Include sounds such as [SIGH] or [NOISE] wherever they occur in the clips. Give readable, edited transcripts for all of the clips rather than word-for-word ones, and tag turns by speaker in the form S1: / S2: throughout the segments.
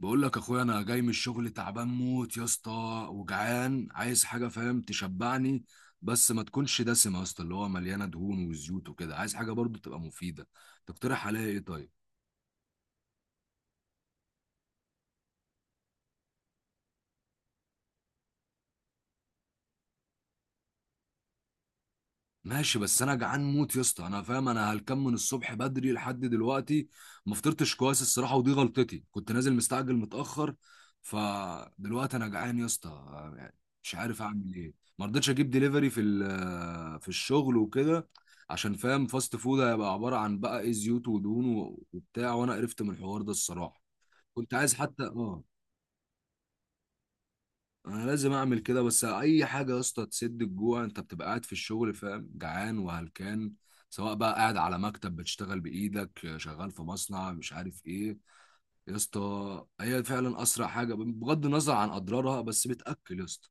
S1: بقول لك اخويا، انا جاي من الشغل تعبان موت يا اسطى، وجعان عايز حاجه فاهم تشبعني، بس ما تكونش دسمه يا اسطى، اللي هو مليانه دهون وزيوت وكده. عايز حاجه برضو تبقى مفيده. تقترح عليا ايه طيب؟ ماشي، بس انا جعان موت يا اسطى. انا فاهم انا هلكان من الصبح بدري لحد دلوقتي. ما فطرتش كويس الصراحه، ودي غلطتي، كنت نازل مستعجل متاخر. فدلوقتي انا جعان يا اسطى، يعني مش عارف اعمل ايه. ما رضيتش اجيب دليفري في الشغل وكده، عشان فاهم فاست فود هيبقى عباره عن بقى ايه، زيوت ودهون وبتاع، وانا قرفت من الحوار ده الصراحه. كنت عايز حتى انا لازم اعمل كده، بس اي حاجه يا اسطى تسد الجوع. انت بتبقى قاعد في الشغل فاهم، جعان وهلكان، سواء بقى قاعد على مكتب بتشتغل بايدك، شغال في مصنع، مش عارف ايه، يا اسطى. هي فعلا اسرع حاجه بغض النظر عن اضرارها، بس بتاكل يا اسطى.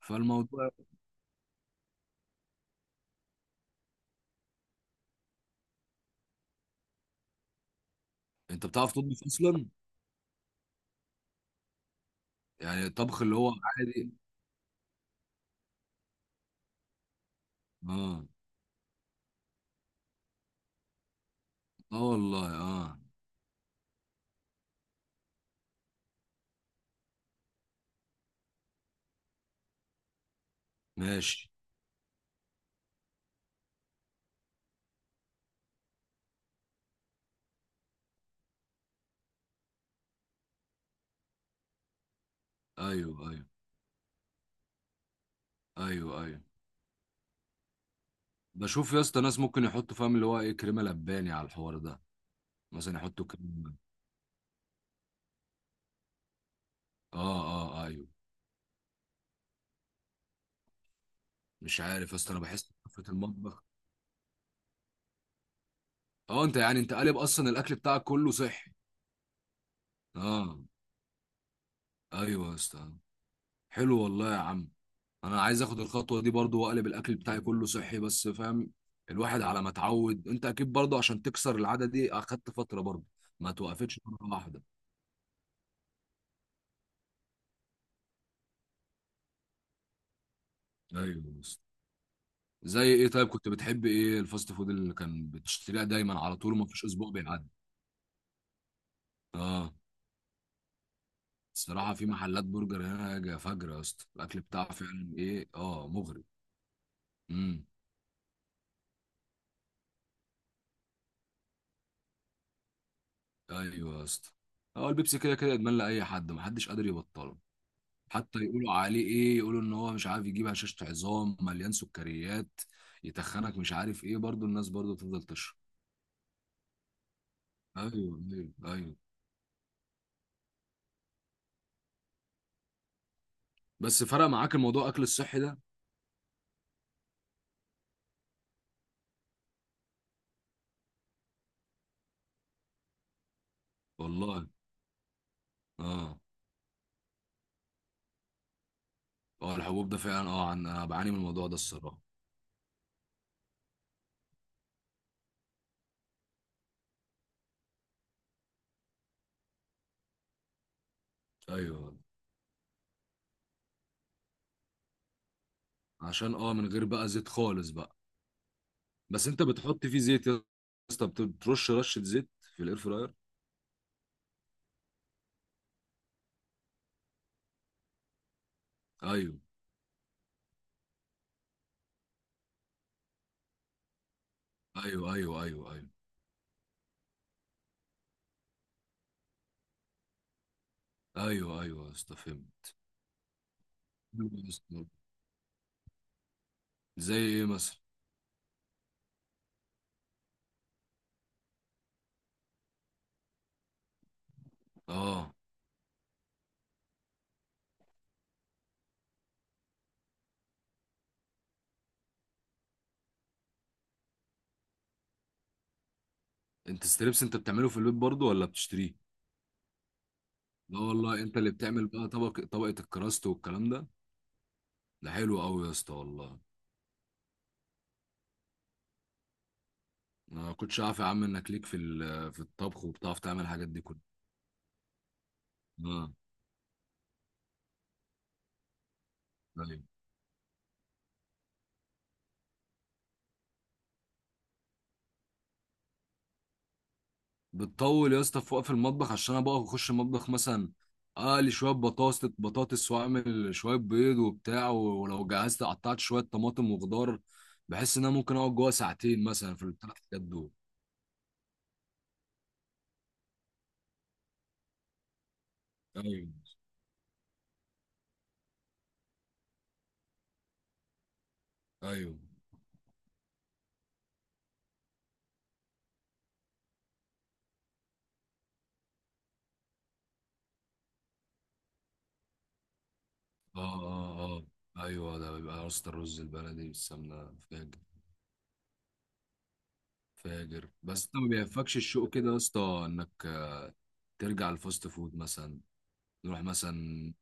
S1: فالموضوع، انت بتعرف تطبخ اصلا؟ يعني الطبخ اللي هو عادي؟ اه، اه والله اه. ماشي. ايوه ايوه. ايوه ايوه. بشوف يا اسطى ناس ممكن يحطوا فاهم اللي هو ايه، كريمه لباني على الحوار ده، مثلا يحطوا كريمه. اه اه، آه، ايوه. مش عارف يا اسطى، انا بحس في المطبخ. اه، انت يعني انت قالب اصلا الاكل بتاعك كله صحي. اه. ايوه يا اسطى، حلو والله يا عم. انا عايز اخد الخطوه دي برضو واقلب الاكل بتاعي كله صحي، بس فاهم الواحد على ما اتعود. انت اكيد برضو عشان تكسر العاده دي اخدت فتره برضو، ما توقفتش مره واحده. ايوه يا اسطى. زي ايه طيب؟ كنت بتحب ايه الفاست فود اللي كان بتشتريها دايما على طول، ما فيش اسبوع بيعدي؟ اه. الصراحة في محلات برجر هنا فجرة يا اسطى، الأكل بتاعه فعلا إيه، أه، مغري. امم. أيوه يا اسطى. هو البيبسي كده كده إدمان لأي حد، محدش قادر يبطله. حتى يقولوا عليه إيه، يقولوا إن هو مش عارف يجيب هشاشة عظام، مليان سكريات، يتخنك، مش عارف إيه، برضه الناس برضه تفضل تشرب. أيوه أيوه أيوه. بس فرق معاك الموضوع أكل الصحي ده؟ والله. أه. أه، الحبوب ده فعلا أه أنا بعاني من الموضوع ده الصراحة. أيوه. عشان أه من غير بقى زيت خالص بقى؟ بس انت بتحط فيه زيت يا اسطى؟ بترش رشه زيت في الاير فراير؟ ايوه. ايوه ايوه ايوه. ايوه ايوه ايوه يا اسطى، فهمت. حلو يا اسطى. زي ايه مثلا؟ اه. انت ستريبس انت بتعمله في البيت برضه ولا بتشتريه؟ لا والله، انت اللي بتعمل بقى طبق طبقه الكراست والكلام ده؟ ده حلو قوي يا اسطى والله. انا ما كنتش عارف يا عم انك ليك في الطبخ، وبتعرف تعمل الحاجات دي كلها. اه. أيوه. بتطول يا اسطى في وقف المطبخ؟ عشان انا بقف اخش المطبخ مثلا، اقلي شويه بطاطس واعمل شويه بيض وبتاع، ولو جهزت قطعت شويه طماطم وخضار، بحس ان انا ممكن اقعد جوه ساعتين مثلا في الثلاث حاجات دول. ايوه. ايوه. اه اه. اه ايوه، ده بيبقى يا اسطى الرز البلدي بالسمنه فاجر. فاجر. بس انت ما بيهفكش الشوق كده يا اسطى، انك ترجع الفاست فود مثلا؟ نروح مثلا.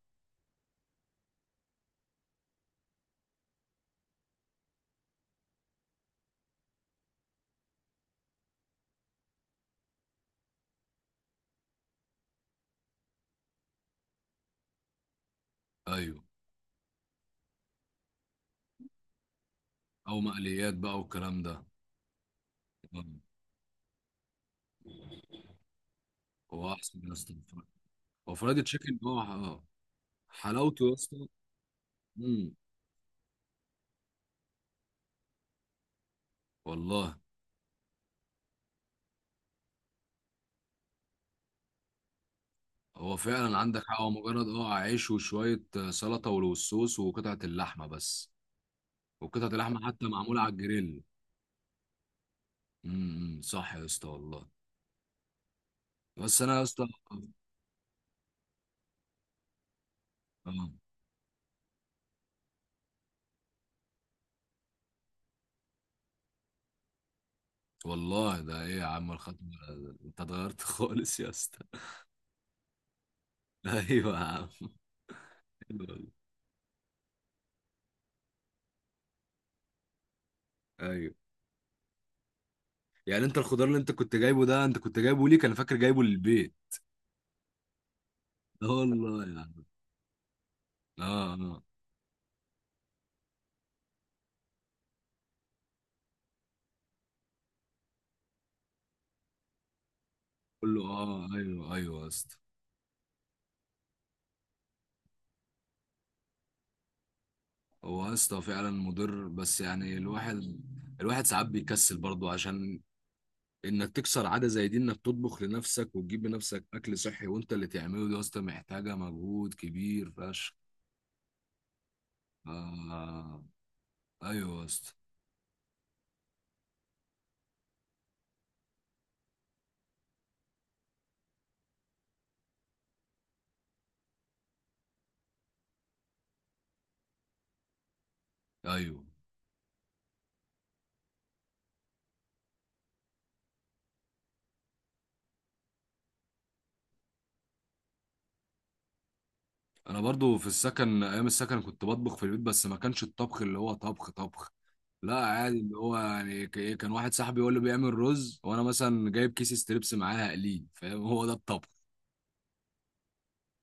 S1: ايوه. او مقليات بقى والكلام ده. آه. هو احسن يا اسطى. هو فرايد تشيكن هو اه حلاوته يا اسطى. امم. والله. هو فعلا عندك حق، هو مجرد اه عيش وشويه سلطه والصوص وقطعه اللحمه بس، وقطعه اللحمه حتى معموله على الجريل. امم، صح يا اسطى والله. بس انا يا اسطى. اه والله ده ايه يا عم الخطوه ده؟ انت اتغيرت [LAUGHS] خالص يا اسطى. [LAUGHS] ايوه يا عم. حلو والله. ايوه. يعني انت الخضار اللي انت كنت جايبه ده، انت كنت جايبه ليك؟ انا فاكر جايبه للبيت. اه والله يا عم. اه اه. قول له اه. ايوه ايوه يا اسطى. هو يا اسطى فعلا مضر، بس يعني الواحد، الواحد ساعات بيكسل برضه، عشان انك تكسر عاده زي دي، انك تطبخ لنفسك وتجيب لنفسك اكل صحي وانت اللي تعمله، دي يا اسطى محتاجه مجهود كبير فشخ. آه. ايوه يا اسطى. ايوه. انا برضه في السكن، ايام السكن كنت بطبخ في البيت، بس ما كانش الطبخ اللي هو طبخ طبخ. لا عادي، اللي هو يعني كان واحد صاحبي هو اللي بيعمل رز، وانا مثلا جايب كيس ستريبس معاه هقليه، فاهم؟ هو ده الطبخ.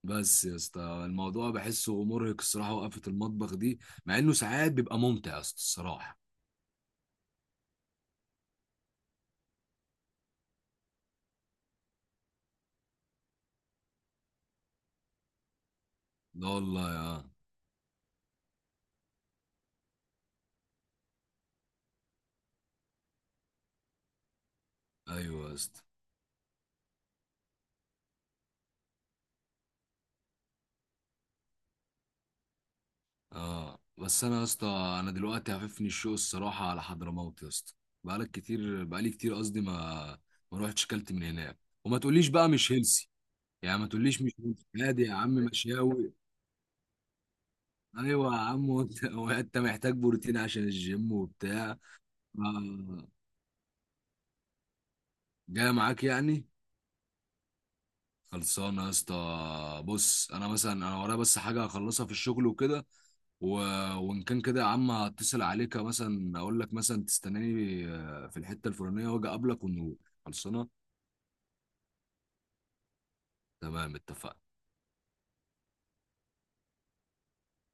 S1: بس يا اسطى الموضوع بحسه مرهق الصراحه، وقفه المطبخ دي، مع انه ساعات بيبقى ممتع يا اسطى الصراحه. لا والله يا. ايوه يا اسطى. اه، بس انا يا اسطى، انا دلوقتي هففني الشوق الصراحه على حضرموت يا اسطى. بقالك كتير، بقالي كتير قصدي، ما ما روحتش كلت من هناك. وما تقوليش بقى مش هيلسي، يعني ما تقوليش مش هيلثي. عادي يا عم، مشاوي. ايوه يا عم، وانت وانت محتاج بروتين عشان الجيم وبتاع. آه. جاي معاك يعني؟ خلصانه يا اسطى. بص انا مثلا، انا ورايا بس حاجه هخلصها في الشغل وكده، و... وان كان كده يا عم هتصل عليك مثلا، اقول لك مثلا تستناني في الحته الفلانيه واجي اقابلك ونقول. خلصانه. تمام، اتفقنا.